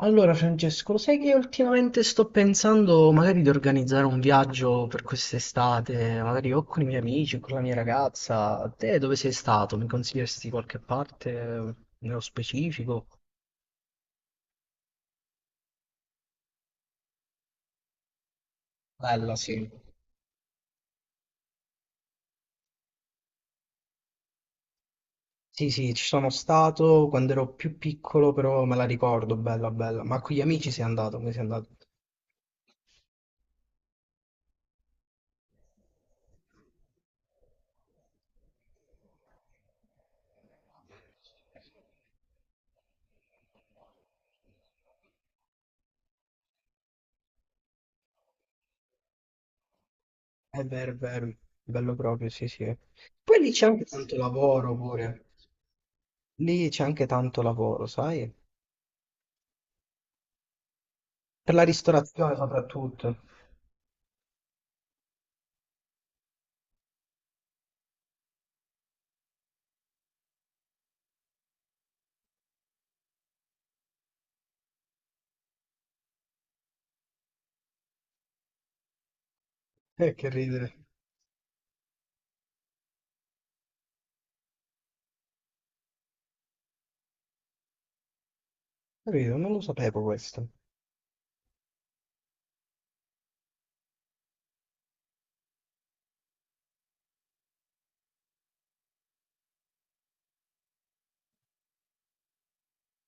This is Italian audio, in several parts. Allora, Francesco, lo sai che ultimamente sto pensando magari di organizzare un viaggio per quest'estate, magari o con i miei amici o con la mia ragazza. Te dove sei stato? Mi consiglieresti qualche parte nello specifico? Bella, sì. Sì, sì, ci sono stato quando ero più piccolo, però me la ricordo, bella, bella. Ma con gli amici sei andato, come sei andato? È vero, bello proprio, sì, sì. Poi lì c'è anche tanto lavoro pure. Lì c'è anche tanto lavoro, sai? Per la ristorazione soprattutto. Che ridere. Capito? Non lo sapevo questo.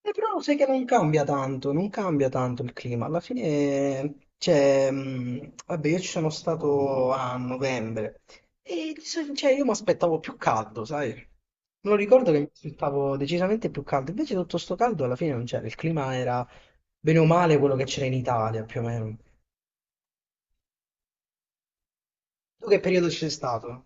E però sai che non cambia tanto, non cambia tanto il clima. Alla fine, cioè, vabbè, io ci sono stato a novembre e cioè, io mi aspettavo più caldo, sai? Me lo ricordo che mi aspettavo decisamente più caldo, invece tutto sto caldo alla fine non c'era, il clima era bene o male quello che c'era in Italia, più o meno. Tu che periodo ci sei stato?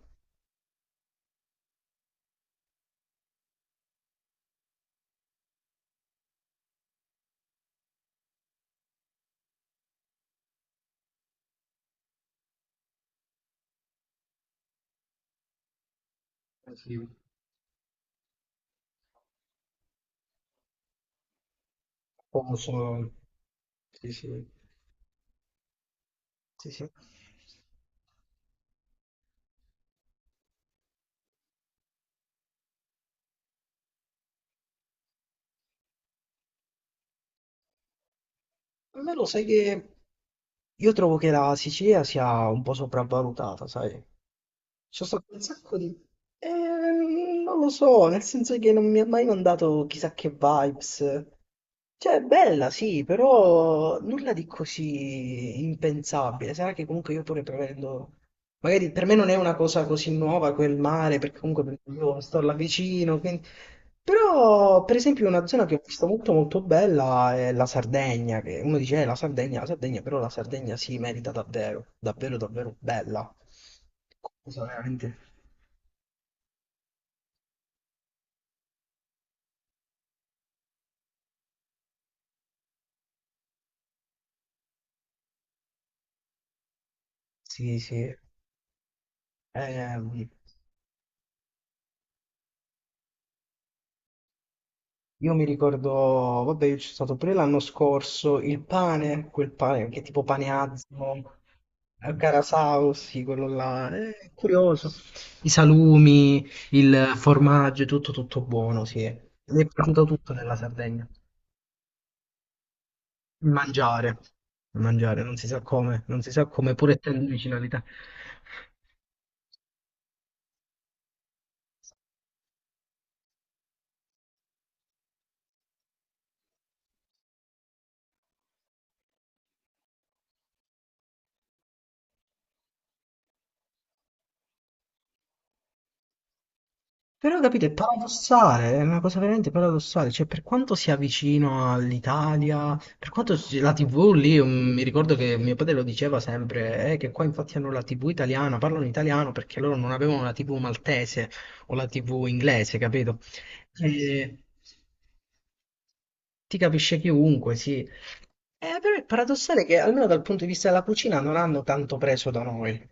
Eh sì. Poco solo. Sì, sì. Sì, sì. Almeno lo sai che io trovo che la Sicilia sia un po' sopravvalutata, sai? Ci sono un sacco di... non lo so, nel senso che non mi ha mai mandato chissà che vibes. Cioè, è bella, sì, però nulla di così impensabile. Sarà che comunque io pure prevendo... Magari per me non è una cosa così nuova quel mare, perché comunque io sto là vicino, quindi... Però, per esempio, una zona che ho visto molto molto bella è la Sardegna, che uno dice, la Sardegna, però la Sardegna si merita davvero, davvero, davvero bella. Cosa veramente... Sì, sì. Ehm, Io mi ricordo, vabbè, io c'è stato pure l'anno scorso, il pane, quel pane, che è tipo pane Asmo, Carasau, sì, quello là, è curioso. I salumi, il formaggio, tutto, tutto buono, sì. Mi è piaciuto tutto nella Sardegna. Il mangiare, il mangiare, non si sa come, non si sa come, pure essendo vicino all'Italia. Però capite, è paradossale, è una cosa veramente paradossale, cioè per quanto sia vicino all'Italia, per quanto la TV lì, mi ricordo che mio padre lo diceva sempre, che qua infatti hanno la TV italiana, parlano italiano perché loro non avevano la TV maltese o la TV inglese, capito? E ti capisce chiunque, sì. Però è paradossale che almeno dal punto di vista della cucina non hanno tanto preso da noi.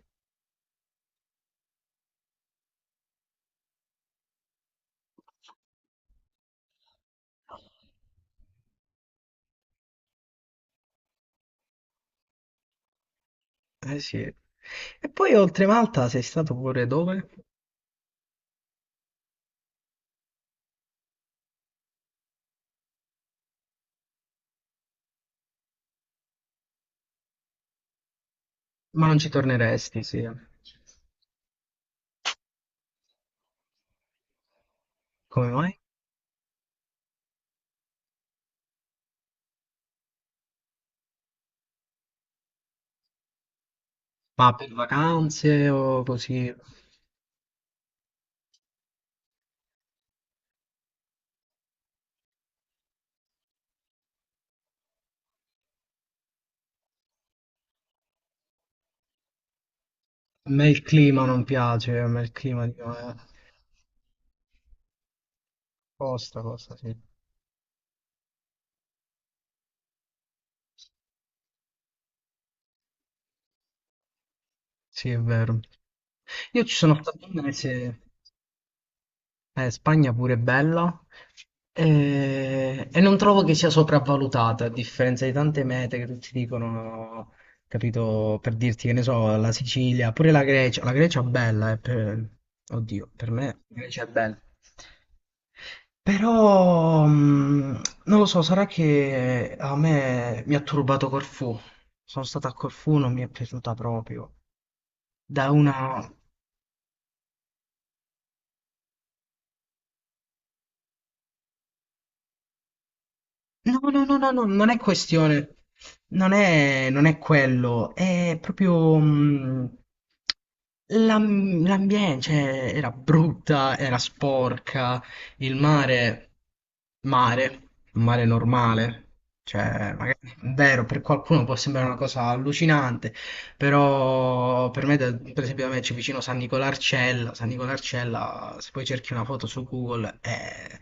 Eh sì. E poi oltre Malta sei stato pure dove? Ma non ci torneresti, sì. Come mai? Ma per vacanze o così? A me il clima non piace, a me il clima di... Costa, costa, sì. Sì, è vero. Io ci sono stato un mese. Spagna pure è bella e non trovo che sia sopravvalutata, a differenza di tante mete che tutti dicono, capito, per dirti che ne so, la Sicilia, pure la Grecia è bella, oddio, per me la Grecia è bella. Però non lo so, sarà che a me mi ha turbato Corfù. Sono stato a Corfù, non mi è piaciuta proprio. Da una... No, no, no, no, no, non è questione, non è quello, è proprio l'ambiente, cioè, era brutta, era sporca, il mare, mare, un mare normale, cioè, magari, è vero, per qualcuno può sembrare una cosa allucinante, però per me, per esempio, da me c'è vicino San Nicolarcella. San Nicolarcella, se poi cerchi una foto su Google,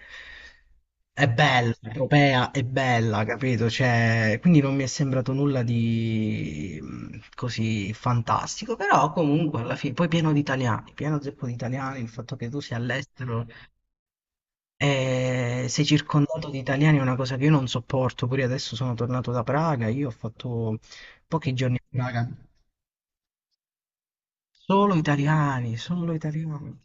è bella, è europea, è bella, capito? Cioè, quindi non mi è sembrato nulla di così fantastico, però comunque alla fine, poi pieno di italiani, pieno zeppo di italiani, il fatto che tu sia all'estero e sei circondato di italiani è una cosa che io non sopporto, pure adesso sono tornato da Praga, io ho fatto pochi giorni a Praga. Solo italiani, solo italiani.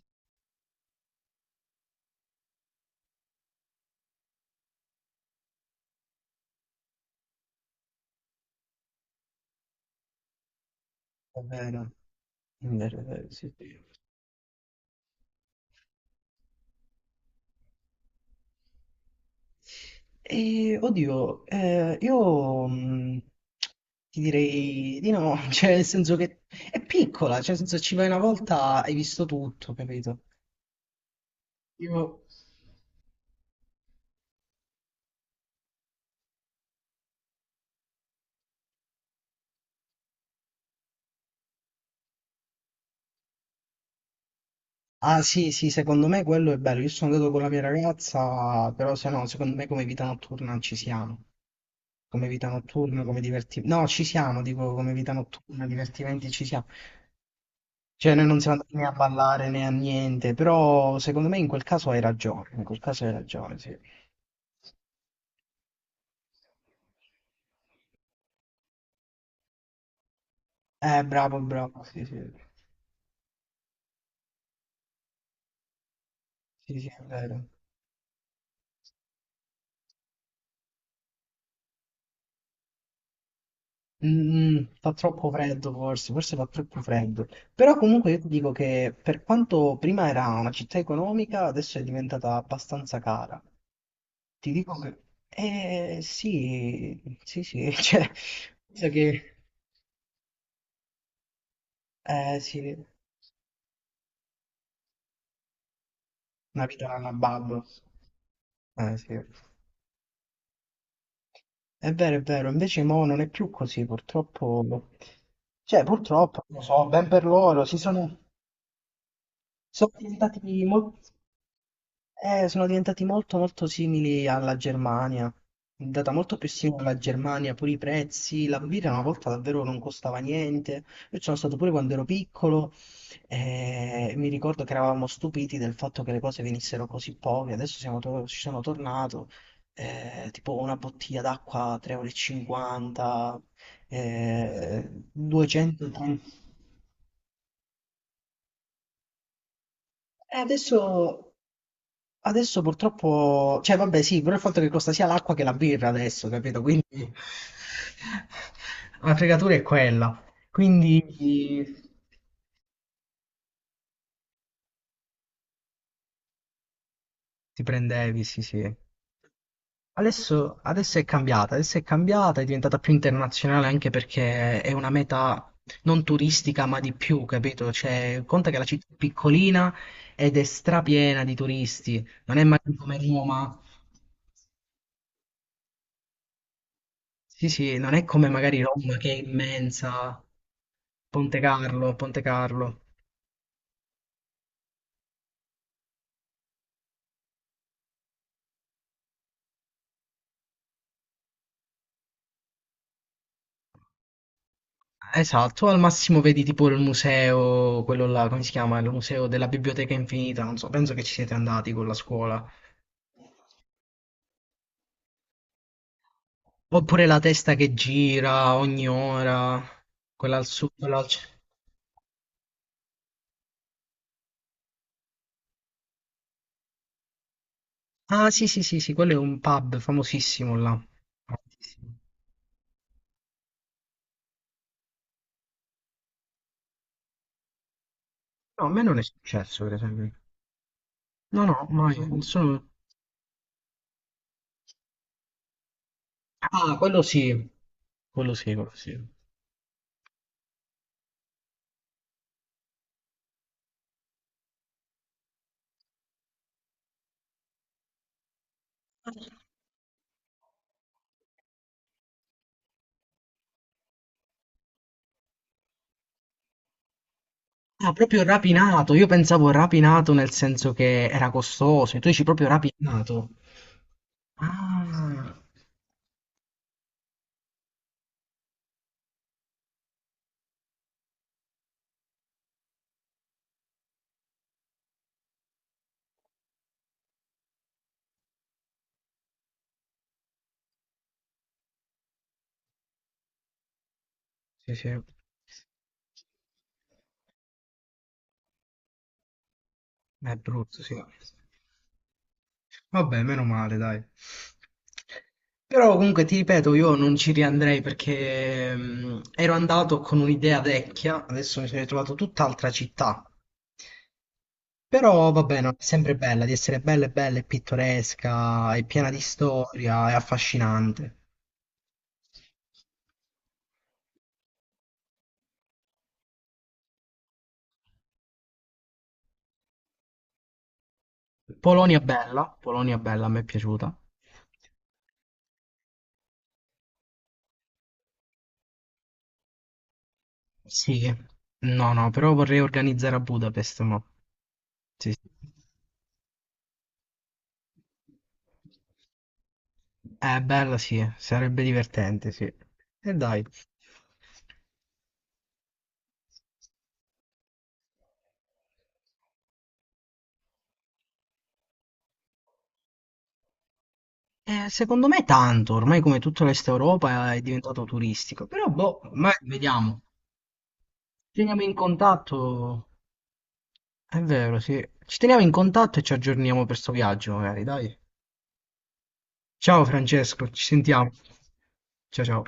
È vero, è vero, è vero, sì. Sì. Oddio, io ti direi di no, cioè nel senso che è piccola, cioè nel senso ci vai una volta, hai visto tutto, capito? Io... Ah sì, sì, secondo me quello è bello, io sono andato con la mia ragazza, però se no, secondo me come vita notturna ci siamo, come vita notturna, come divertimenti, no, ci siamo, dico come vita notturna, divertimenti ci siamo. Cioè, noi non siamo andati né a ballare né a niente, però secondo me in quel caso hai ragione, in quel caso hai ragione, sì. Bravo, bravo, sì, sì, sì, sì, è vero. Mm, mm, fa troppo freddo forse, forse fa troppo freddo. Però comunque io ti dico che per quanto prima era una città economica, adesso è diventata abbastanza cara. Ti dico che... Eh sì, sì, sì, cioè, penso che... Eh sì, una vita alla babbo. Eh sì. È vero, invece mo non è più così, purtroppo. Cioè, purtroppo, non lo so, ben per loro, sono diventati molto sono diventati molto molto simili alla Germania, è andata molto più simile alla Germania, pure i prezzi, la birra una volta davvero non costava niente, io ci sono stato pure quando ero piccolo e mi ricordo che eravamo stupiti del fatto che le cose venissero così poche, adesso ci sono tornato, tipo una bottiglia d'acqua 3,50 euro, e cinquanta, 230... E adesso Adesso purtroppo, cioè vabbè sì, però il fatto che costa sia l'acqua che la birra adesso, capito? Quindi la fregatura è quella. Quindi ti prendevi, sì sì. Adesso è cambiata, adesso è cambiata, è diventata più internazionale anche perché è una meta non turistica ma di più, capito? Cioè, conta che la città è piccolina ed è strapiena di turisti, non è mai come Roma. Sì, sì, non è come magari Roma che è immensa. Ponte Carlo, Ponte Carlo. Esatto, al massimo vedi tipo il museo, quello là, come si chiama? Il museo della Biblioteca Infinita, non so, penso che ci siete andati con la scuola. Oppure la testa che gira ogni ora, quella al sud, quella al centro. Ah, sì, sì, sì, sì, quello è un pub famosissimo là. Famosissimo. No, a me non è successo, per esempio. No, no, mai. Sono... Ah, quello sì, quello sì, quello sì. Ah, proprio rapinato. Io pensavo rapinato nel senso che era costoso. Tu dici proprio rapinato. Ah, sì, sì. È brutto, sì. Vabbè, meno male, dai. Però comunque ti ripeto, io non ci riandrei perché ero andato con un'idea vecchia, adesso mi sono ritrovato tutt'altra città. Però va bene, è sempre bella, di essere bella e bella e pittoresca, e piena di storia, è affascinante. Polonia bella, a me è piaciuta. Sì, no, no, però vorrei organizzare a Budapest, ma... Sì, sì. È bella, sì, sarebbe divertente, sì. E dai. Secondo me tanto, ormai come tutta l'Est Europa è diventato turistico, però boh, ma vediamo. Ci teniamo in contatto, è vero, sì. Ci teniamo in contatto e ci aggiorniamo per sto viaggio, magari, dai. Ciao Francesco, ci sentiamo. Ciao ciao.